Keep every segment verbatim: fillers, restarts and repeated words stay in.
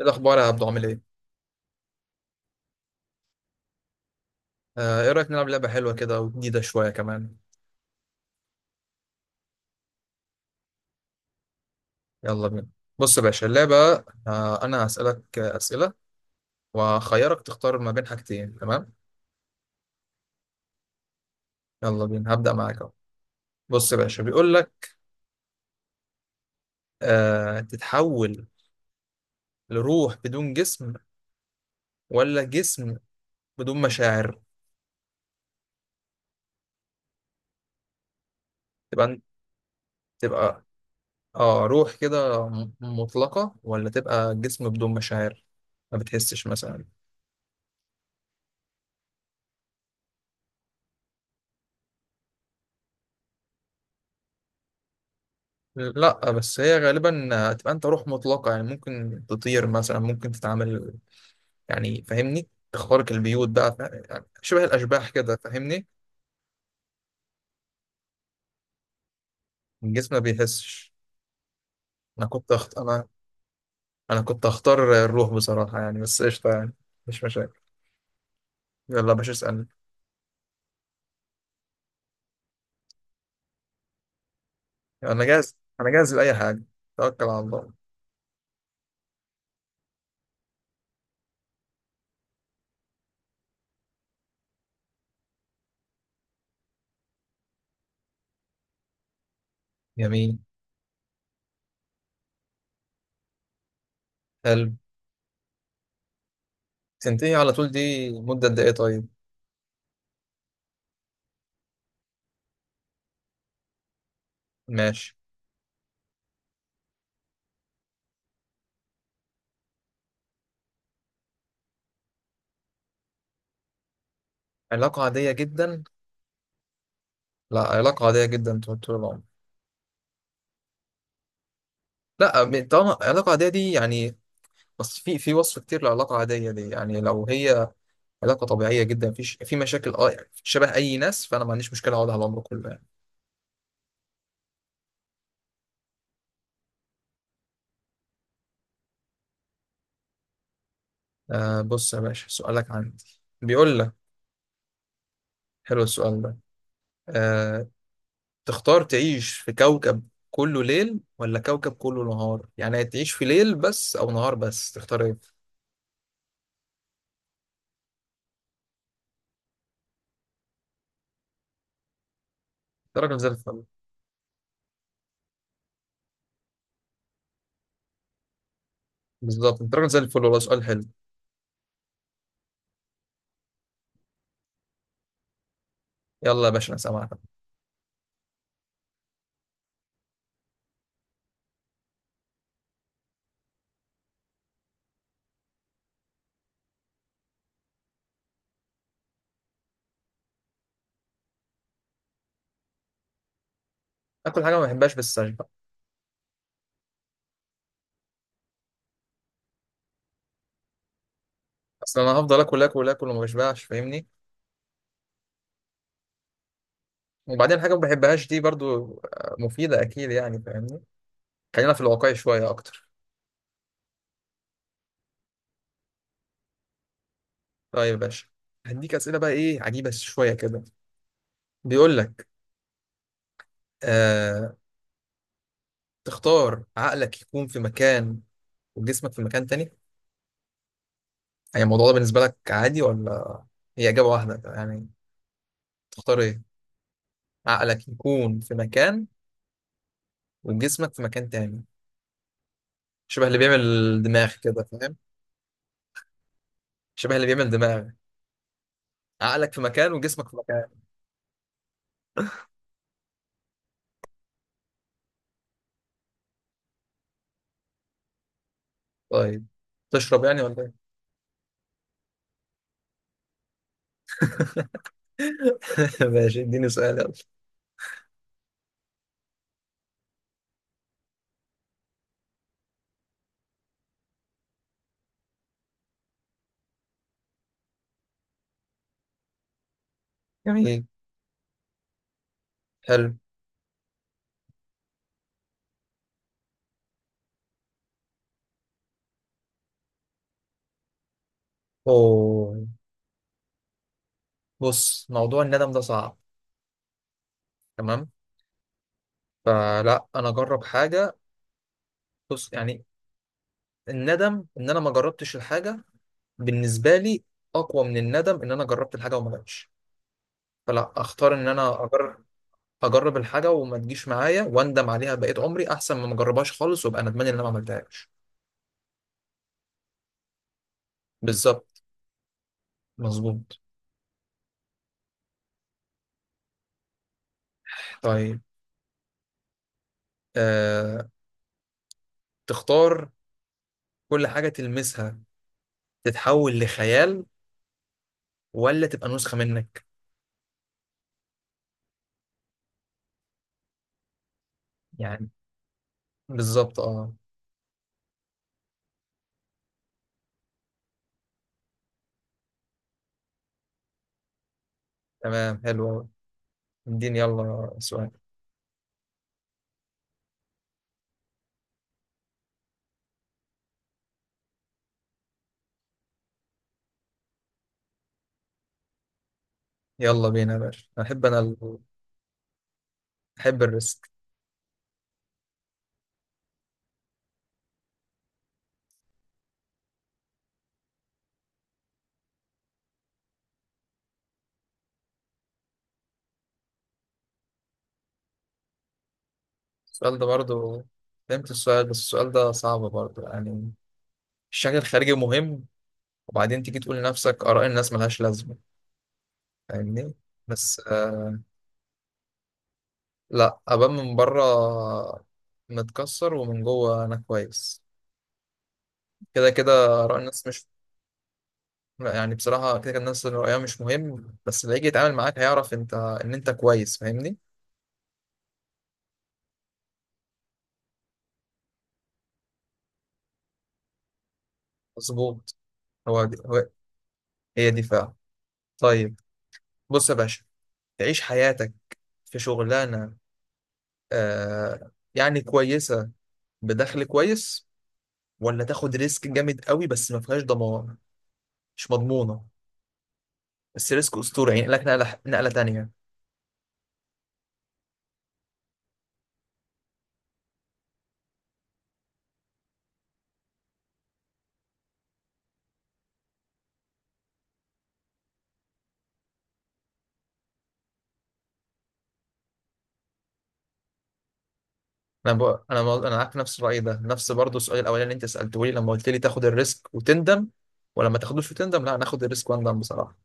ايه الاخبار يا عبدو، عامل ايه؟ آه ايه رايك نلعب لعبه حلوه كده وجديده شويه كمان؟ يلا بينا. بص يا باشا اللعبه. آه انا هسالك آه، اسئله، واخيرك تختار ما بين حاجتين، تمام؟ يلا بينا، هبدا معاك اهو. بص يا باشا بيقول لك، آه تتحول لروح بدون جسم ولا جسم بدون مشاعر؟ تبقى تبقى اه روح كده م- مطلقه، ولا تبقى جسم بدون مشاعر ما بتحسش مثلا؟ لا، بس هي غالبا هتبقى انت روح مطلقة، يعني ممكن تطير مثلا، ممكن تتعامل، يعني فاهمني، تخترق البيوت بقى فا- يعني شبه الأشباح كده، فاهمني؟ الجسم ما بيحسش. أنا كنت أخت... أنا، أنا كنت أختار الروح بصراحة يعني، بس قشطة يعني، مش مشاكل. يلا يا باشا، اسألني. أنا جاهز، أنا جاهز لأي حاجة، توكل على الله. جميل. حلو. تنتهي على طول؟ دي مدة قد إيه طيب؟ ماشي. علاقة عادية جدا؟ لا، علاقة عادية جدا طول طول العمر. لا، طالما علاقة عادية دي يعني. بس في في وصف كتير لعلاقة عادية دي، يعني لو هي علاقة طبيعية جدا، في ش- في مشاكل، اه يعني شبه أي ناس، فأنا ما عنديش مشكلة أقعد على العمر كله يعني. آه بص يا باشا، سؤالك عندي. بيقول لك، حلو السؤال ده. آه تختار تعيش في كوكب كله ليل ولا كوكب كله نهار؟ يعني تعيش في ليل بس أو نهار بس، تختار إيه؟ أنت راجل زي الفل. بالظبط، أنت راجل زي الفل، والله سؤال حلو. يلا يا باشا، أنا سامعك. آكل حاجة ما بحبهاش بس أشبع. أصل أنا هفضل آكل آكل آكل وما بشبعش فاهمني. وبعدين حاجة ما بحبهاش دي برضو آه، مفيدة أكيد يعني فاهمني. خلينا في الواقع شوية أكتر. طيب يا باشا، هديك أسئلة بقى إيه عجيبة شوية كده. بيقول لك، آه تختار عقلك يكون في مكان وجسمك في مكان تاني؟ يعني الموضوع ده بالنسبة لك عادي ولا؟ هي إجابة واحدة يعني، تختار إيه؟ عقلك يكون في مكان وجسمك في مكان تاني، شبه اللي بيعمل دماغ كده، فاهم؟ شبه اللي بيعمل دماغ، عقلك في مكان وجسمك في مكان. طيب، تشرب يعني ولا إيه؟ ماشي، اديني سؤال يلا. جميل. حلو. أوه. بص، موضوع الندم ده صعب، تمام؟ فلا، انا اجرب حاجه. بص يعني، الندم ان انا ما جربتش الحاجه بالنسبه لي اقوى من الندم ان انا جربت الحاجه وما جاتش. فلا اختار ان انا اجرب. اجرب الحاجه وما تجيش معايا واندم عليها بقيت عمري، احسن ما ما اجربهاش خالص وابقى ندمان ان انا ما عملتهاش. بالظبط. مظبوط. طيب. أه... تختار كل حاجه تلمسها تتحول لخيال، ولا تبقى نسخة منك؟ يعني بالظبط، اه. تمام، حلو أوي. اديني يلا سؤال. يلا بينا يا باشا، أنا أحب أنا ال... أحب الريسك. السؤال ده برضو، فهمت السؤال بس السؤال ده صعب برضو يعني. الشكل الخارجي مهم، وبعدين تيجي تقول لنفسك آراء الناس ملهاش لازمة، فاهمني. بس آه لا، أبان من بره متكسر ومن جوه أنا كويس، كده كده. آراء الناس مش لا يعني، بصراحة كده، كان الناس اللي رأيها مش مهم، بس اللي يجي يتعامل معاك هيعرف انت ان انت كويس، فاهمني. مظبوط. هو, دي هو هي دي فعلا. طيب، بص يا باشا، تعيش حياتك في شغلانة آه يعني كويسة، بدخل كويس، ولا تاخد ريسك جامد قوي بس ما فيهاش ضمان، مش مضمونة، بس ريسك أسطوري يعني لك نقلة نقلة تانية؟ انا بقى، انا مو- انا معاك في نفس الراي ده. نفس برضه السؤال الاولاني اللي انت سالته لي لما قلت لي تاخد الريسك وتندم، ولا ما تاخدوش وتندم. لا، ناخد الريسك واندم بصراحه،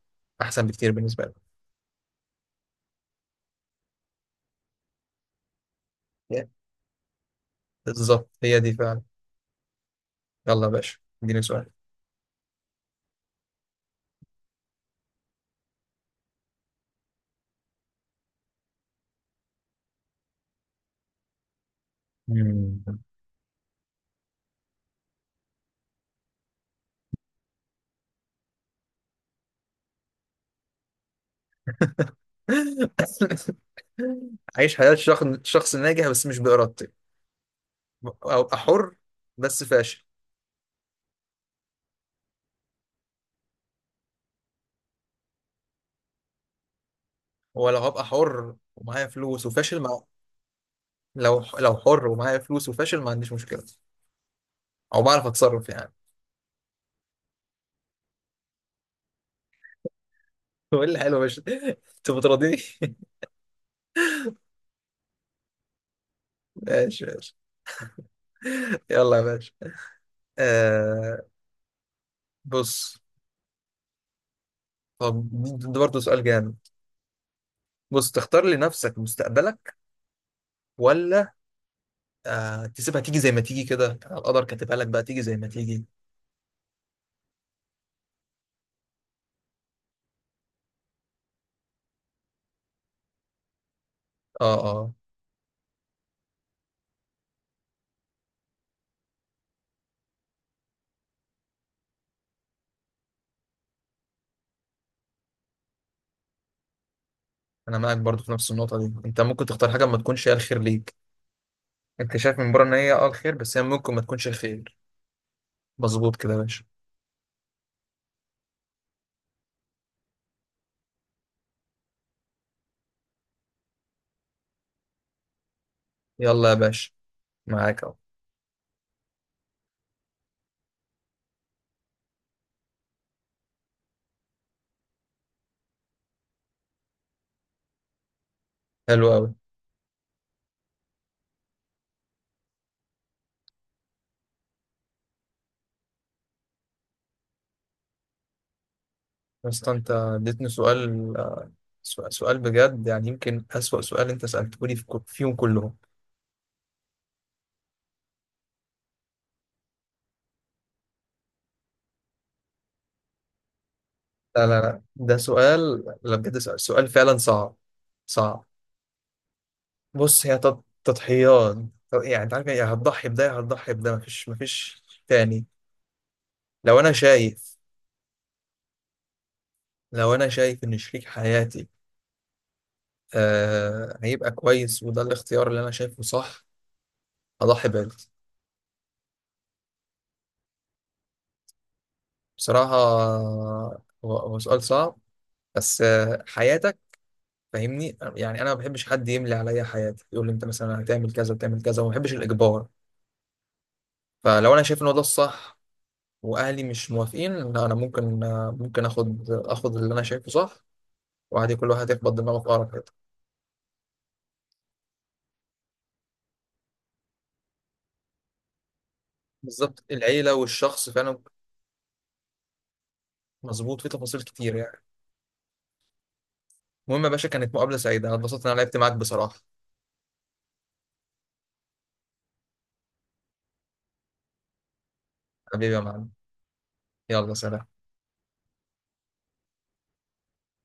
احسن بكتير بالنسبه لي. Yeah. بالظبط، هي دي فعلا. يلا يا باشا، اديني سؤال. مم. عايش حياه شخص شخص ناجح بس مش بارادتي، او ابقى حر بس فاشل، ولا هبقى حر ومعايا فلوس وفاشل؟ مع لو لو حر ومعايا فلوس وفاشل، ما عنديش مشكله، او بعرف اتصرف يعني. هو ايه الحلو يا باشا؟ انت بتراضيني. ماشي، ماشي. يلا يا باشا، آه بص، طب ده ده برضه سؤال جامد. بص، تختار لنفسك مستقبلك، ولا آه تسيبها تيجي زي ما تيجي كده، القدر كاتبها لك بقى تيجي زي ما تيجي؟ اه، اه، انا معاك برضه في نفس النقطة دي. انت ممكن تختار حاجة ما تكونش هي الخير ليك، انت شايف من بره ان هي اه الخير، بس هي ممكن ما تكونش الخير. مظبوط كده يا باشا. يلا يا باشا، معاك اهو. حلو قوي. بس انت اديتني سؤال آه، سؤال سؤال بجد يعني، يمكن أسوأ سؤال انت سألته لي في كو- فيهم كلهم. لا، لا، لا، ده سؤال، لا بجد سؤال, سؤال فعلا صعب، صعب. بص، هي تض- تضحيات. طب يعني انت عارف يعني هتضحي بده يا هتضحي بده، مفيش مفيش تاني. لو انا شايف لو انا شايف ان شريك حياتي آه هيبقى كويس، وده الاختيار اللي انا شايفه صح، هضحي بده. بصراحة آه، هو هو سؤال صعب، بس آه حياتك، فاهمني يعني، انا ما بحبش حد يملي عليا حياتي، يقول لي انت مثلا هتعمل كذا وتعمل كذا، وما بحبش الاجبار. فلو انا شايف ان هو ده الصح واهلي مش موافقين، لا، انا ممكن آه، ممكن اخد اخد اللي انا شايفه صح، وعادي كل واحد يخبط دماغه في اقرب حته. بالظبط، العيله والشخص فعلا. مظبوط، في تفاصيل كتير يعني. المهم يا باشا، كانت مقابله سعيده، انا اتبسطت ان انا لعبت معاك بصراحه. حبيبي يا معلم، يلا سلام.